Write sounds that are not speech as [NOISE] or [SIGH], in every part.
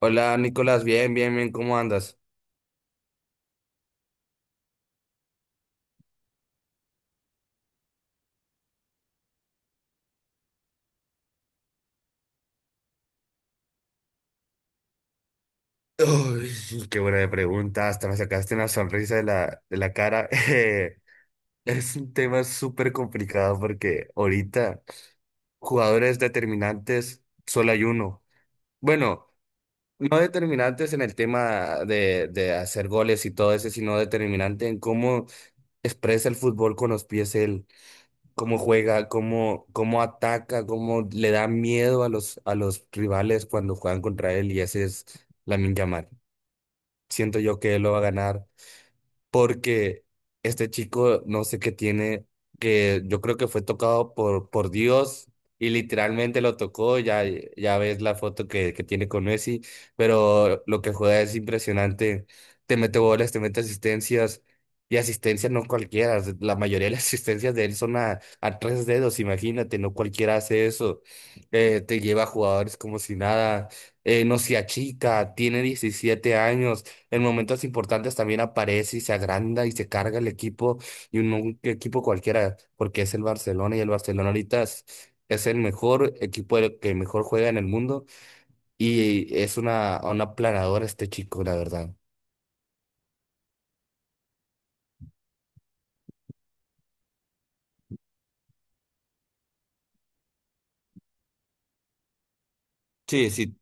Hola Nicolás, bien, bien, bien, ¿cómo andas? Uy, qué buena pregunta, hasta me sacaste una sonrisa de la cara. [LAUGHS] Es un tema súper complicado porque ahorita jugadores determinantes solo hay uno. Bueno, no determinantes en el tema de hacer goles y todo eso, sino determinante en cómo expresa el fútbol con los pies él. Cómo juega, cómo, cómo ataca, cómo le da miedo a los rivales cuando juegan contra él, y ese es Lamine Yamal. Siento yo que él lo va a ganar porque este chico no sé qué tiene, que yo creo que fue tocado por Dios y literalmente lo tocó, ya, ya ves la foto que tiene con Messi, pero lo que juega es impresionante, te mete goles, te mete asistencias, y asistencias no cualquiera, la mayoría de las [LAUGHS] asistencias de él son a tres dedos, imagínate, no cualquiera hace eso. Te lleva a jugadores como si nada. No se achica, tiene 17 años. En momentos importantes también aparece y se agranda y se carga el equipo, y un equipo cualquiera, porque es el Barcelona, y el Barcelona ahorita es el mejor equipo, el que mejor juega en el mundo, y es una aplanadora este chico, la verdad. Sí, sí.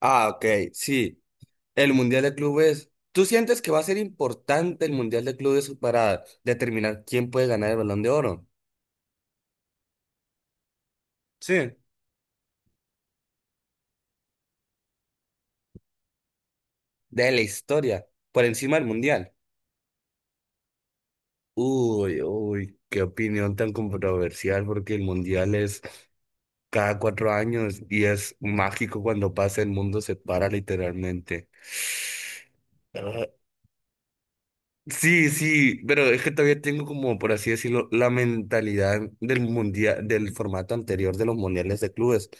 Ah, ok, sí. El Mundial de Clubes. ¿Tú sientes que va a ser importante el Mundial de Clubes para determinar quién puede ganar el Balón de Oro? Sí. De la historia, por encima del Mundial. Uy, uy, qué opinión tan controversial porque el mundial es cada 4 años y es mágico cuando pasa, el mundo se para literalmente. Ah, sí, sí, pero es que todavía tengo como, por así decirlo, la mentalidad del mundial, del formato anterior de los mundiales de clubes,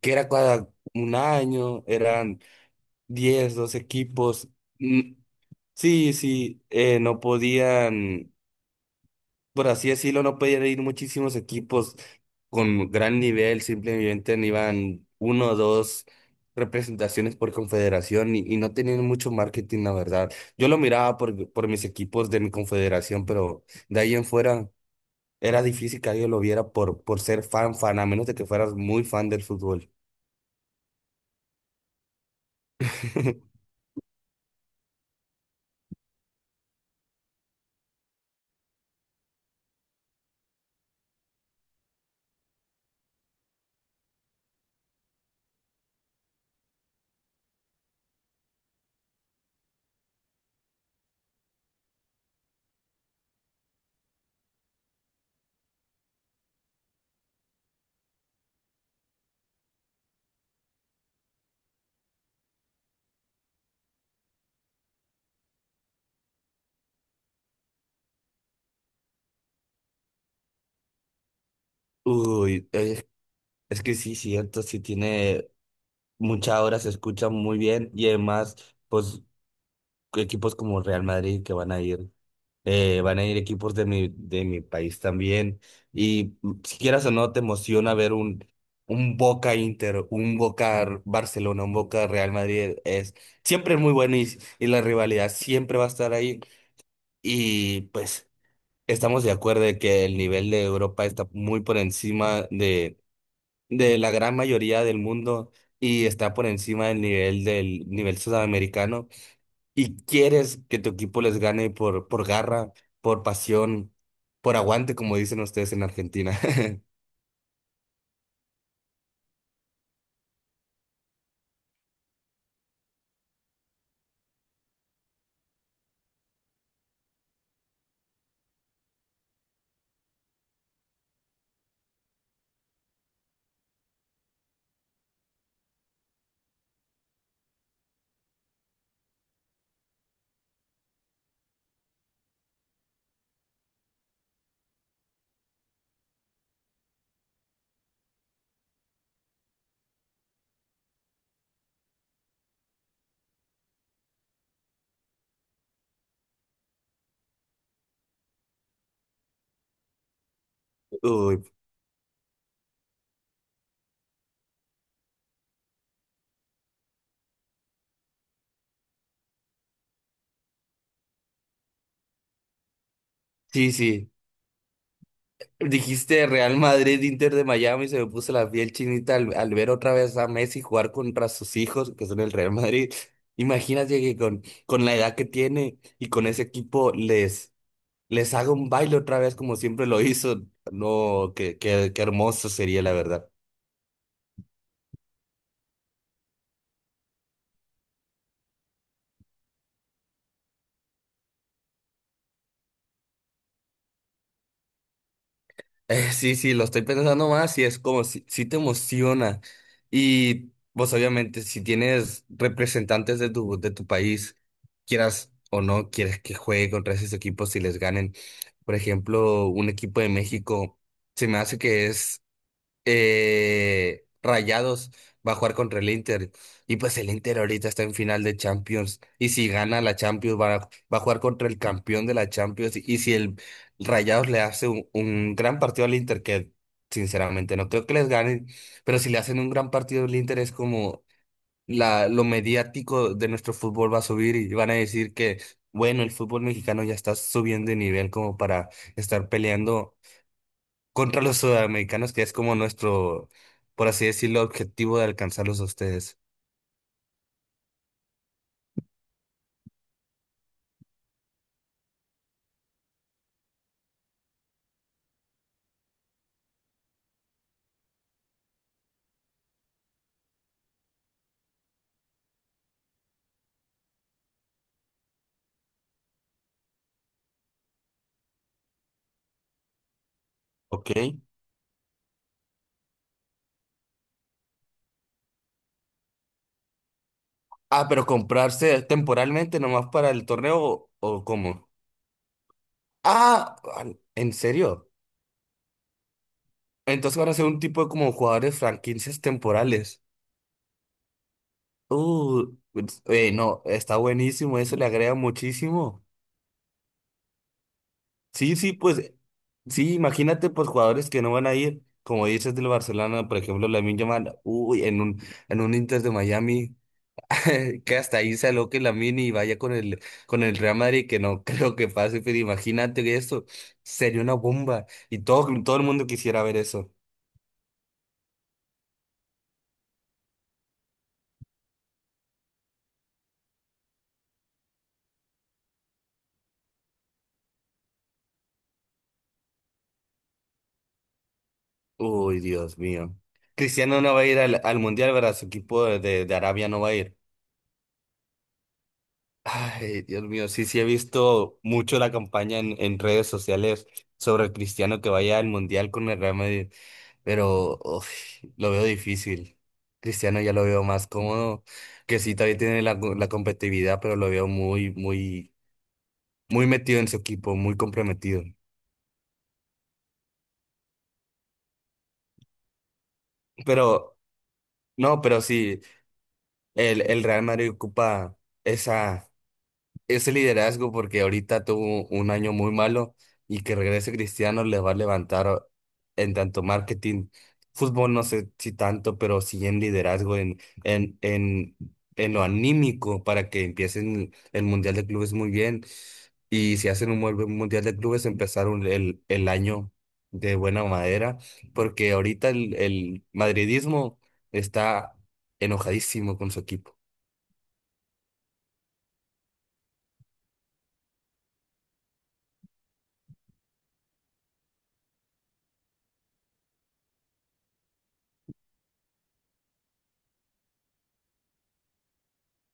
que era cada un año, eran diez dos equipos. Mm, Sí, sí, no podían, por así decirlo, no podían ir muchísimos equipos con gran nivel, simplemente no iban uno o dos representaciones por confederación, y no tenían mucho marketing, la verdad. Yo lo miraba por mis equipos de mi confederación, pero de ahí en fuera era difícil que alguien lo viera por ser fan, fan, a menos de que fueras muy fan del fútbol. [LAUGHS] Uy, es que sí, cierto, sí tiene mucha hora, se escucha muy bien y además, pues equipos como Real Madrid que van a ir. Van a ir equipos de mi país también. Y mm, si quieras o no, te emociona ver un Boca Inter, un Boca Barcelona, un Boca Real Madrid. Es siempre muy bueno, y la rivalidad siempre va a estar ahí. Y pues estamos de acuerdo de que el nivel de Europa está muy por encima de la gran mayoría del mundo y está por encima del nivel sudamericano, y quieres que tu equipo les gane por garra, por pasión, por aguante, como dicen ustedes en Argentina. [LAUGHS] Uy, sí, sí. Dijiste Real Madrid, Inter de Miami, se me puso la piel chinita al, al ver otra vez a Messi jugar contra sus hijos, que son el Real Madrid. Imagínate que con la edad que tiene y con ese equipo les, les haga un baile otra vez como siempre lo hizo. No, qué, qué, qué hermoso sería, la verdad. Sí, sí, lo estoy pensando más y es como si, si te emociona. Y pues obviamente si tienes representantes de tu país, quieras o no, quieres que juegue contra esos equipos y les ganen. Por ejemplo, un equipo de México, se me hace que es Rayados va a jugar contra el Inter. Y pues el Inter ahorita está en final de Champions. Y si gana la Champions, va a, va a jugar contra el campeón de la Champions. Y si el Rayados le hace un gran partido al Inter, que sinceramente no creo que les ganen, pero si le hacen un gran partido al Inter, es como la, lo mediático de nuestro fútbol va a subir y van a decir que, bueno, el fútbol mexicano ya está subiendo de nivel como para estar peleando contra los sudamericanos, que es como nuestro, por así decirlo, objetivo de alcanzarlos a ustedes. Ok. Ah, pero comprarse temporalmente nomás para el torneo o cómo. Ah, al- ¿en serio? Entonces van a ser un tipo de como jugadores franquicias temporales. Pues, no, está buenísimo, eso le agrega muchísimo. Sí, sí, pues, sí, imagínate pues jugadores que no van a ir, como dices del Barcelona, por ejemplo, Lamine Yamal, uy, en un Inter de Miami. [LAUGHS] Que hasta ahí se aloque Lamine y vaya con el Real Madrid, que no [LAUGHS] creo que pase, pero imagínate que eso sería una bomba y todo, todo el mundo quisiera ver eso. Uy, Dios mío. Cristiano no va a ir al, al Mundial, ¿verdad? Su equipo de Arabia no va a ir. Ay, Dios mío, sí, sí he visto mucho la campaña en redes sociales sobre el Cristiano, que vaya al Mundial con el Real Madrid. Pero uf, lo veo difícil. Cristiano ya lo veo más cómodo, que sí, todavía tiene la, la competitividad, pero lo veo muy, muy, muy metido en su equipo, muy comprometido. Pero, no, pero sí, el Real Madrid ocupa esa, ese liderazgo porque ahorita tuvo un año muy malo y que regrese Cristiano le va a levantar en tanto marketing, fútbol no sé si tanto, pero sí en liderazgo, en, en, en, en lo anímico para que empiecen el Mundial de Clubes muy bien, y si hacen un buen Mundial de Clubes empezar el año de buena madera, porque ahorita el madridismo está enojadísimo con su equipo.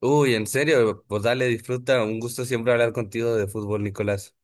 Uy, en serio, pues dale, disfruta. Un gusto siempre hablar contigo de fútbol, Nicolás.